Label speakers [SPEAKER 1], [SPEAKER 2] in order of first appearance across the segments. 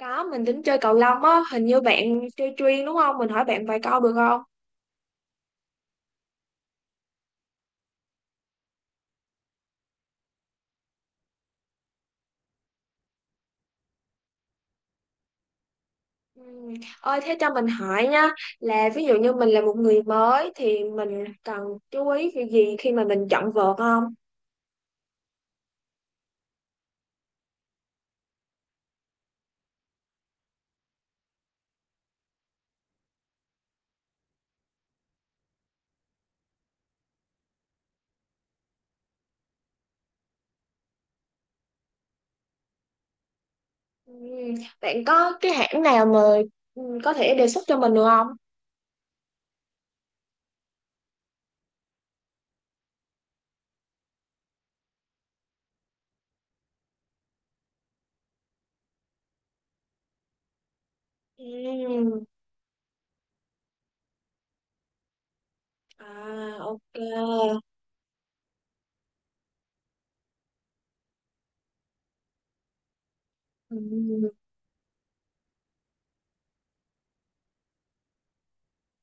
[SPEAKER 1] Có, mình tính chơi cầu lông á, hình như bạn chơi chuyên đúng không? Mình hỏi bạn vài câu được không? Ừ. Ơi, thế cho mình hỏi nha, là ví dụ như mình là một người mới thì mình cần chú ý cái gì khi mà mình chọn vợt không? Ừ. Bạn có cái hãng nào mà có thể đề xuất cho mình được không? Ừ. À, ok. Ừ.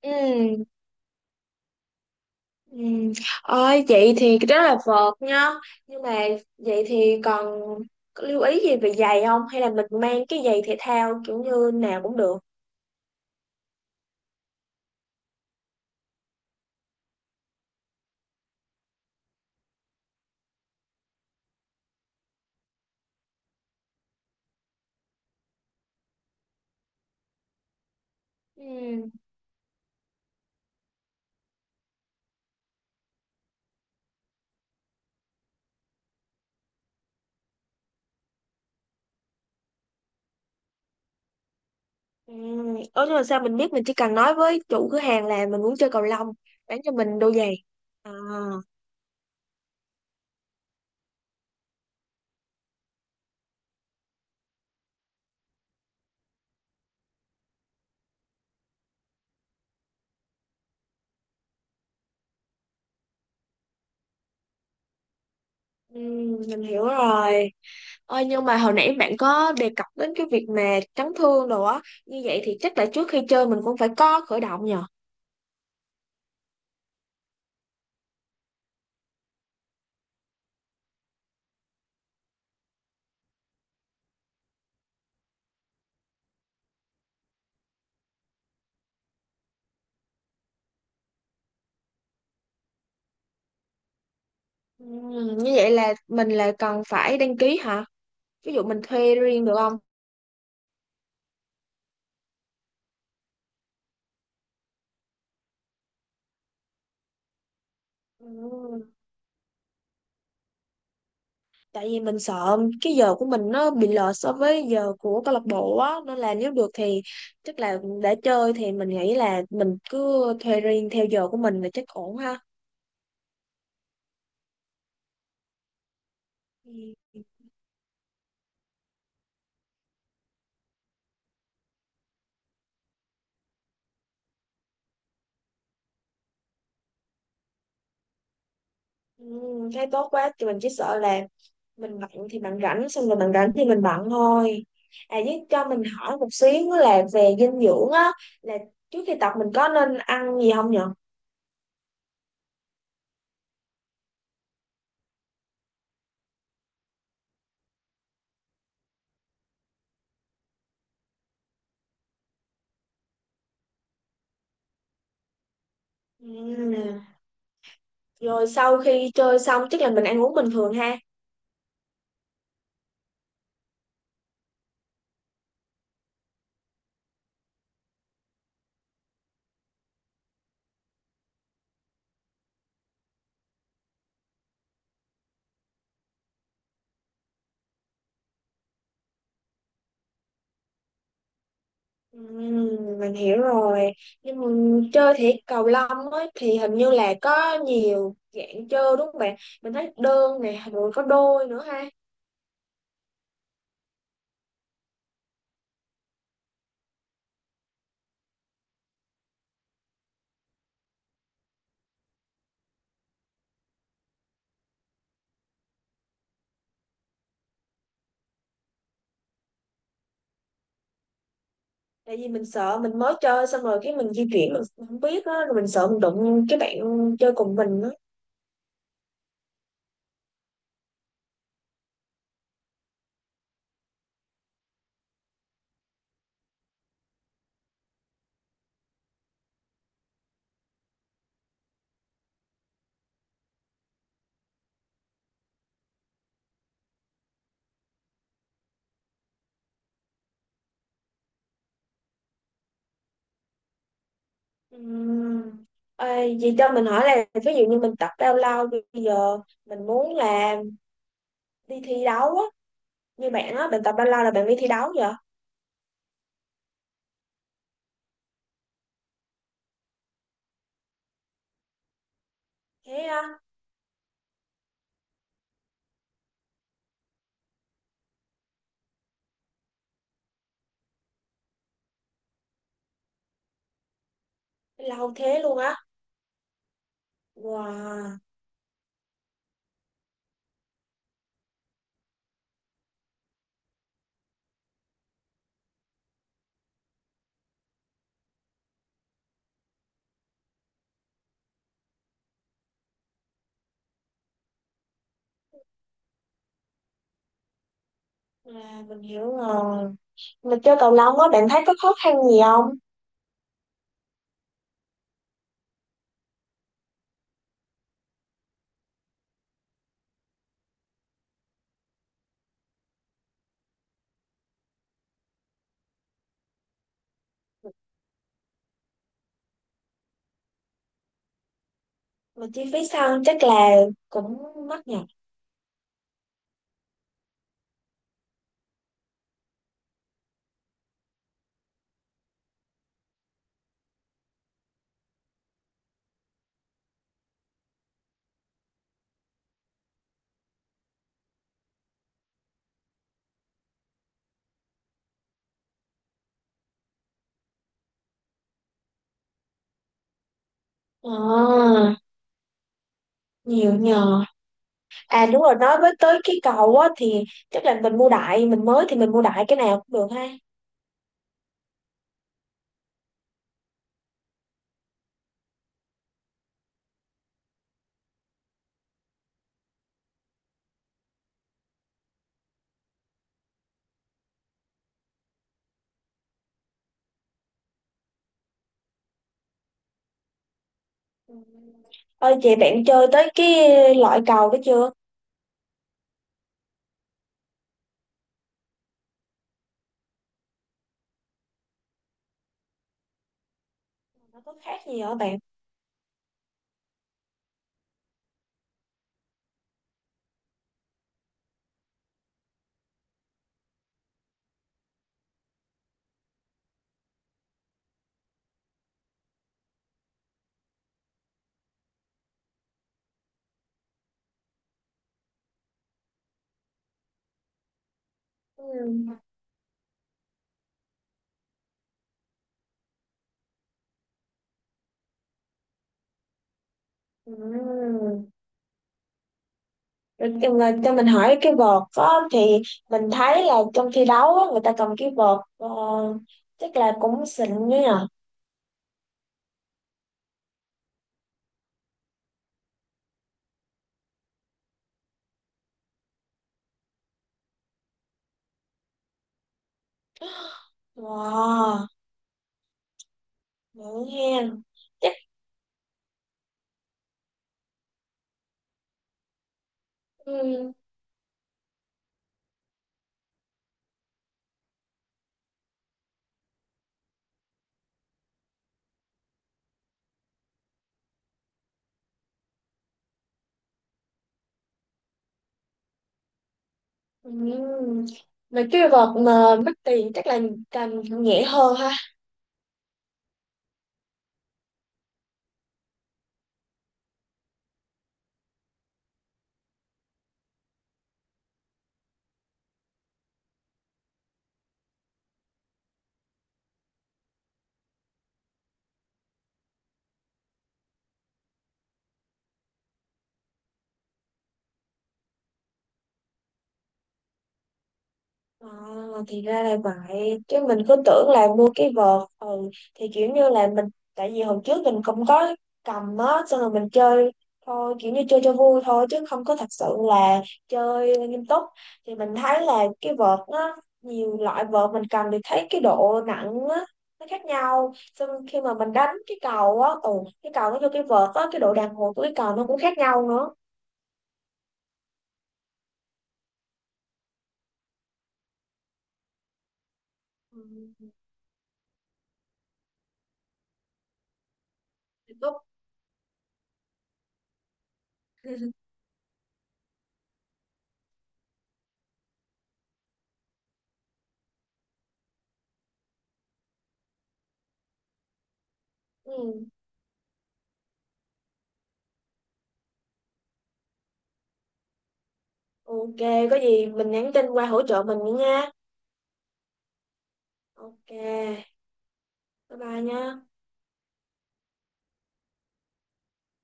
[SPEAKER 1] Ừ. Ừ. Ôi, vậy thì rất là vợt nhá, nhưng mà vậy thì còn lưu ý gì về giày không, hay là mình mang cái giày thể thao kiểu như nào cũng được? Ừ. Ừ. Ủa nhưng mà sao mình biết? Mình chỉ cần nói với chủ cửa hàng là mình muốn chơi cầu lông, bán cho mình đôi giày à? Ừ, mình hiểu rồi. Ôi nhưng mà hồi nãy bạn có đề cập đến cái việc mà chấn thương đồ á, như vậy thì chắc là trước khi chơi mình cũng phải có khởi động nhờ? Ừ, như vậy là mình là cần phải đăng ký hả? Ví dụ mình thuê riêng được không? Ừ. Tại vì mình sợ cái giờ của mình nó bị lệch so với giờ của câu lạc bộ á, nên là nếu được thì chắc là để chơi thì mình nghĩ là mình cứ thuê riêng theo giờ của mình là chắc ổn ha. Ừ. Ừ, thấy tốt quá, thì mình chỉ sợ là mình bận thì bạn rảnh, xong rồi bạn rảnh thì mình bận thôi. À, với cho mình hỏi một xíu là về dinh dưỡng á, là trước khi tập mình có nên ăn gì không nhở? Ừ. Rồi sau khi chơi xong chắc là mình ăn uống bình thường ha? Mình hiểu rồi. Nhưng mà chơi thể cầu lông ấy, thì hình như là có nhiều dạng chơi đúng không bạn? Mình thấy đơn nè rồi có đôi nữa ha. Tại vì mình sợ mình mới chơi xong rồi cái mình di chuyển không biết á, rồi mình sợ mình đụng cái bạn chơi cùng mình á. Ừm, ê, vậy cho mình hỏi là ví dụ như mình tập bao lâu bây giờ, mình muốn là đi thi đấu á, như bạn á, bạn tập bao lâu là bạn đi thi đấu vậy? Thế á? Lâu thế luôn á? Wow. À, mình hiểu rồi. Mình chơi cầu lông á, bạn thấy có khó khăn gì không? Mà chi phí sân chắc là cũng mắc nhỉ. À, nhiều nhờ. À đúng rồi, nói với tới cái cầu á thì chắc là mình mua đại, mình mới thì mình mua đại cái nào cũng được ha. Ừ. Ơi chị bạn chơi tới cái loại cầu đó chưa? Nó có khác gì hả bạn? Ừ. Ừ. Rồi cho mình hỏi cái vợt á, thì mình thấy là trong thi đấu á, người ta cầm cái vợt chắc là cũng xịn nhỉ? Wow, ngẫu nhiên. Chắc ừm, ừm, mấy cái vật mà mất tiền chắc là càng nhẹ hơn ha. À, thì ra là vậy, chứ mình cứ tưởng là mua cái vợt thì kiểu như là mình, tại vì hồi trước mình cũng có cầm á, xong rồi mình chơi thôi kiểu như chơi cho vui thôi chứ không có thật sự là chơi nghiêm túc, thì mình thấy là cái vợt nó nhiều loại, vợt mình cầm thì thấy cái độ nặng á nó khác nhau, xong khi mà mình đánh cái cầu á cái cầu nó cho cái vợt á cái độ đàn hồi của cái cầu nó cũng khác nhau nữa. Ừ, nghiêm túc. Ừ. Ok, có gì mình nhắn tin qua hỗ trợ mình nữa nha. Ok, bye bye nha.